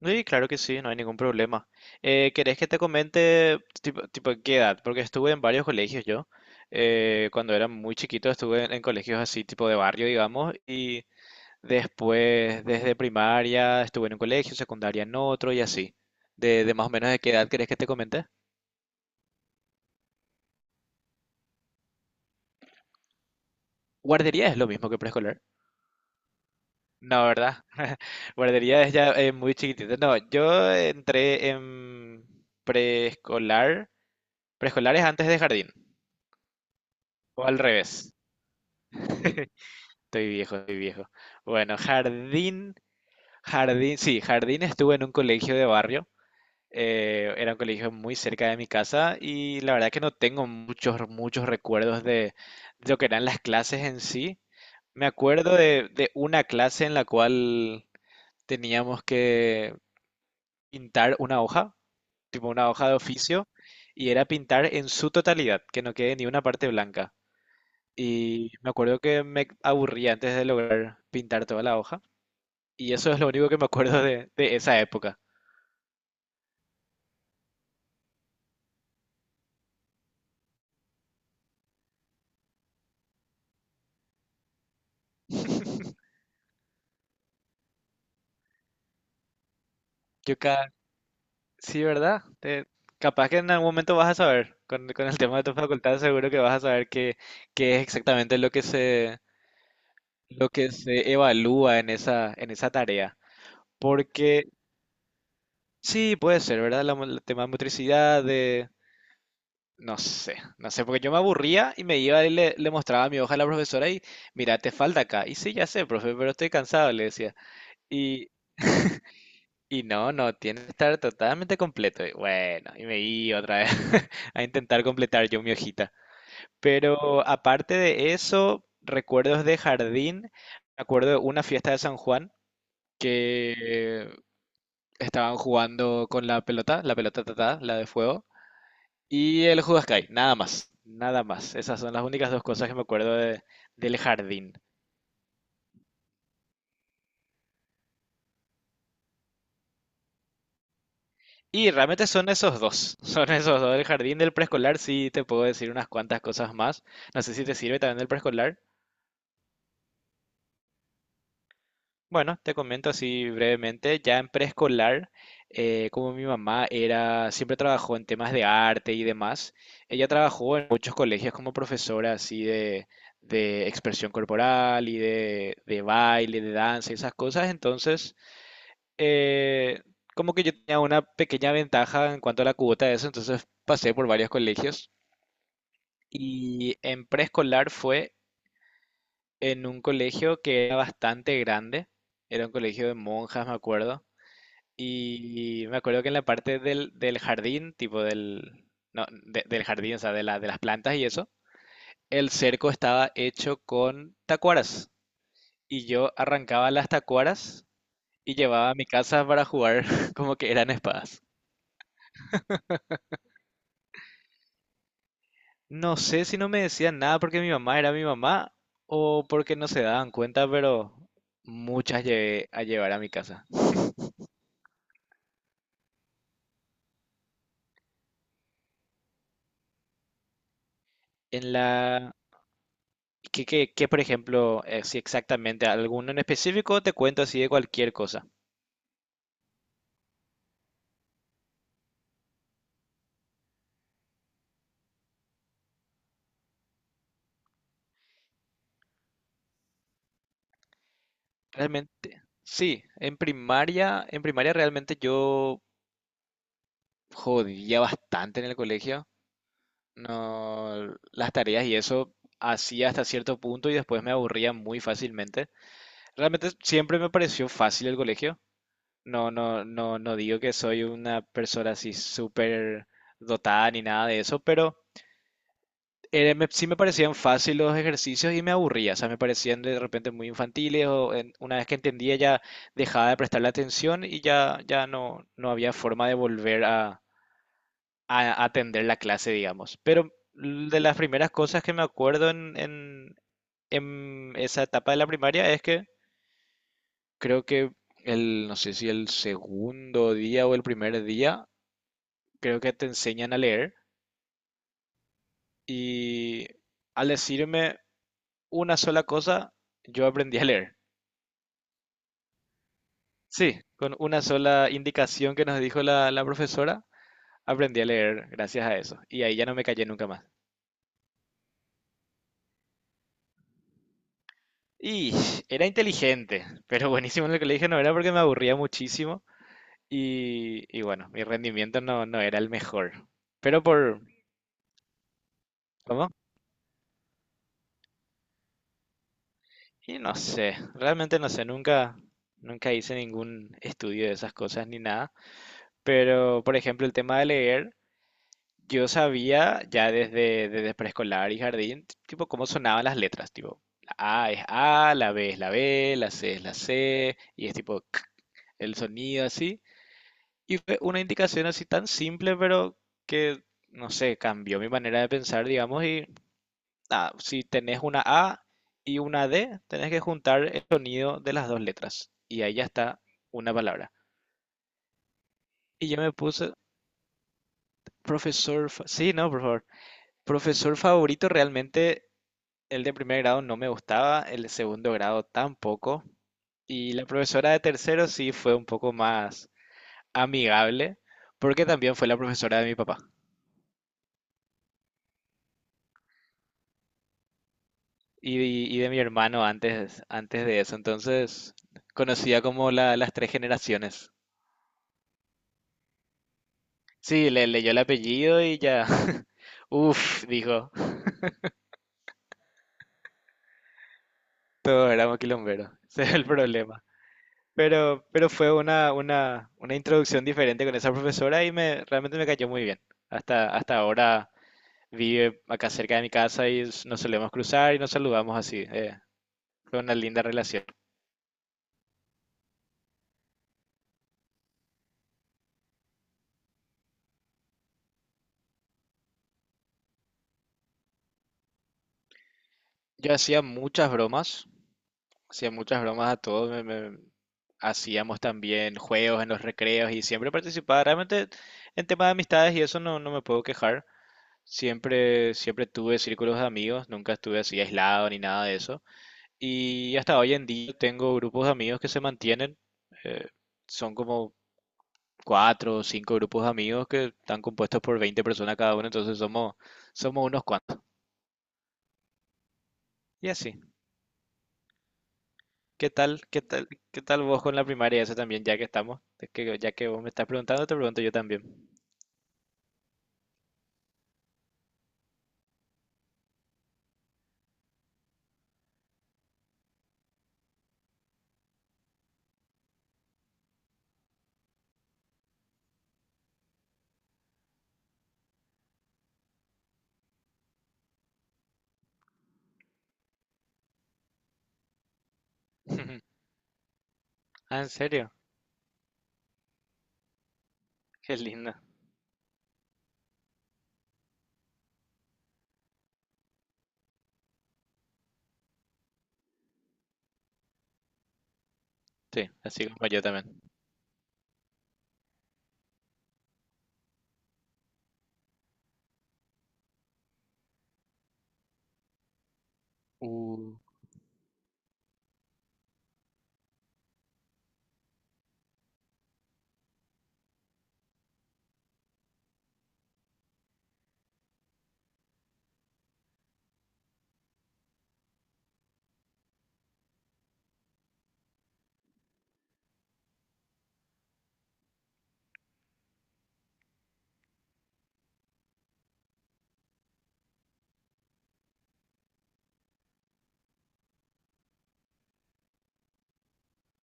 Sí, claro que sí, no hay ningún problema. ¿Querés que te comente tipo, qué edad? Porque estuve en varios colegios yo. Cuando era muy chiquito estuve en colegios así tipo de barrio, digamos, y después desde primaria estuve en un colegio, secundaria en otro y así. De más o menos de qué edad querés que te comente? Guardería es lo mismo que preescolar. No, ¿verdad? Guardería es ya muy chiquitito. No, yo entré en preescolar. Preescolar es antes de jardín, o al revés. Estoy viejo, estoy viejo. Bueno, jardín, jardín, sí, jardín estuve en un colegio de barrio. Era un colegio muy cerca de mi casa y la verdad que no tengo muchos, muchos recuerdos lo que eran las clases en sí. Me acuerdo de una clase en la cual teníamos que pintar una hoja, tipo una hoja de oficio, y era pintar en su totalidad, que no quede ni una parte blanca. Y me acuerdo que me aburría antes de lograr pintar toda la hoja. Y eso es lo único que me acuerdo de esa época. Yo ca- sí, ¿verdad? Capaz que en algún momento vas a saber, con el tema de tu facultad seguro que vas a saber qué es exactamente lo que se evalúa en esa tarea. Porque sí, puede ser, ¿verdad? El tema de motricidad, de... No sé, no sé, porque yo me aburría y me iba y le mostraba mi hoja a la profesora y, mira, te falta acá. Y sí, ya sé, profe, pero estoy cansado, le decía. Y no, no, tiene que estar totalmente completo. Y bueno, y me iba otra vez a intentar completar yo mi hojita. Pero aparte de eso, recuerdos de jardín. Me acuerdo de una fiesta de San Juan que estaban jugando con la pelota tatá, la de fuego, y el Huascay, nada más, nada más. Esas son las únicas dos cosas que me acuerdo del jardín. Y realmente son esos dos, son esos dos. El jardín del preescolar sí te puedo decir unas cuantas cosas más. No sé si te sirve también del preescolar. Bueno, te comento así brevemente. Ya en preescolar, como mi mamá era, siempre trabajó en temas de arte y demás, ella trabajó en muchos colegios como profesora así de expresión corporal y de baile, de danza y esas cosas. Entonces, eh, como que yo tenía una pequeña ventaja en cuanto a la cuota de eso, entonces pasé por varios colegios. Y en preescolar fue en un colegio que era bastante grande, era un colegio de monjas, me acuerdo. Y me acuerdo que en la parte del jardín, tipo del, no, del jardín, o sea, de las plantas y eso, el cerco estaba hecho con tacuaras. Y yo arrancaba las tacuaras y llevaba a mi casa para jugar como que eran espadas. No sé si no me decían nada porque mi mamá era mi mamá o porque no se daban cuenta, pero muchas llevé a llevar a mi casa. En la... ¿Qué, por ejemplo, si exactamente alguno en específico te cuento así de cualquier cosa? Realmente, sí, en primaria realmente yo jodía bastante en el colegio. No, las tareas y eso hacía hasta cierto punto y después me aburría muy fácilmente. Realmente siempre me pareció fácil el colegio. No, no, no. No digo que soy una persona así súper dotada ni nada de eso, pero sí me parecían fácil los ejercicios y me aburría, o sea, me parecían de repente muy infantiles o una vez que entendía ya dejaba de prestarle atención y ya no había forma de volver a atender la clase, digamos. Pero de las primeras cosas que me acuerdo en esa etapa de la primaria es que creo que no sé si el segundo día o el primer día, creo que te enseñan a leer y al decirme una sola cosa, yo aprendí a leer. Sí, con una sola indicación que nos dijo la profesora, aprendí a leer gracias a eso. Y ahí ya no me callé nunca más. Y era inteligente, pero buenísimo en el colegio no era porque me aburría muchísimo y bueno, mi rendimiento no era el mejor. Pero por, ¿Cómo? Y no sé, realmente no sé, nunca, nunca hice ningún estudio de esas cosas ni nada. Pero, por ejemplo, el tema de leer, yo sabía ya desde preescolar y jardín, tipo, cómo sonaban las letras, tipo, la A es A, la B es la B, la C es la C, y es tipo, k, el sonido así. Y fue una indicación así tan simple, pero que, no sé, cambió mi manera de pensar, digamos, y nada, si tenés una A y una D, tenés que juntar el sonido de las dos letras. Y ahí ya está una palabra. Y yo me puse, profesor, sí, no, por favor. Profesor favorito realmente, el de primer grado no me gustaba, el de segundo grado tampoco, y la profesora de tercero sí fue un poco más amigable, porque también fue la profesora de mi papá y, y de mi hermano antes de eso, entonces conocía como las tres generaciones. Sí, le leyó el apellido y ya, uff, dijo, todo era quilombero, ese es el problema. Pero fue una introducción diferente con esa profesora y realmente me cayó muy bien. Hasta ahora vive acá cerca de mi casa y nos solemos cruzar y nos saludamos así. Fue una linda relación. Yo hacía muchas bromas a todos. Hacíamos también juegos en los recreos y siempre participaba. Realmente en tema de amistades y eso no me puedo quejar. Siempre, siempre tuve círculos de amigos, nunca estuve así aislado ni nada de eso. Y hasta hoy en día tengo grupos de amigos que se mantienen. Eh, son como cuatro o cinco grupos de amigos que están compuestos por 20 personas cada uno, entonces somos, unos cuantos. Y así. ¿Qué tal vos con la primaria eso también, ya que estamos? Es que ya que vos me estás preguntando, te pregunto yo también. Ah, ¿en serio? Qué lindo. Sí, así como yo también. Uh,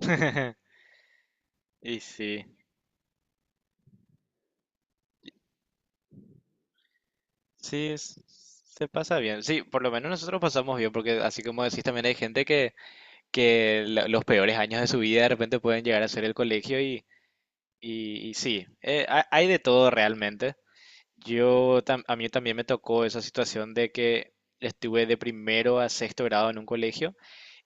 Y sí, sí, se pasa bien. Sí, por lo menos nosotros pasamos bien, porque así como decís, también hay gente que los peores años de su vida de repente pueden llegar a ser el colegio y sí, hay de todo realmente. A mí también me tocó esa situación de que estuve de primero a sexto grado en un colegio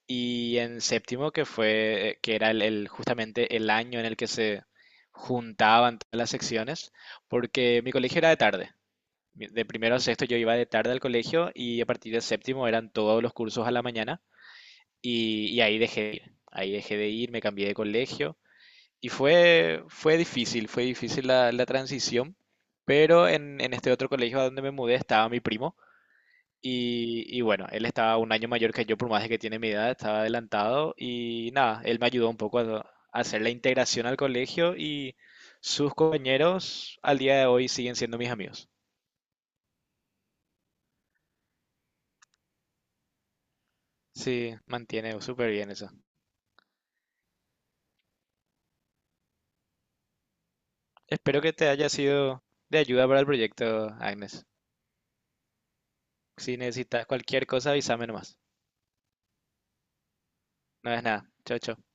y en séptimo, que fue, que era justamente el año en el que se juntaban todas las secciones, porque mi colegio era de tarde. De primero a sexto yo iba de tarde al colegio y a partir de séptimo eran todos los cursos a la mañana y ahí dejé de ir. Ahí dejé de ir, me cambié de colegio y fue difícil, fue difícil la transición, pero en este otro colegio a donde me mudé estaba mi primo y bueno, él estaba un año mayor que yo, por más de que tiene mi edad, estaba adelantado y nada, él me ayudó un poco a hacer la integración al colegio y sus compañeros al día de hoy siguen siendo mis amigos. Sí, mantiene súper bien eso. Espero que te haya sido de ayuda para el proyecto, Agnes. Si necesitas cualquier cosa, avísame nomás. No es nada. Chao, chao.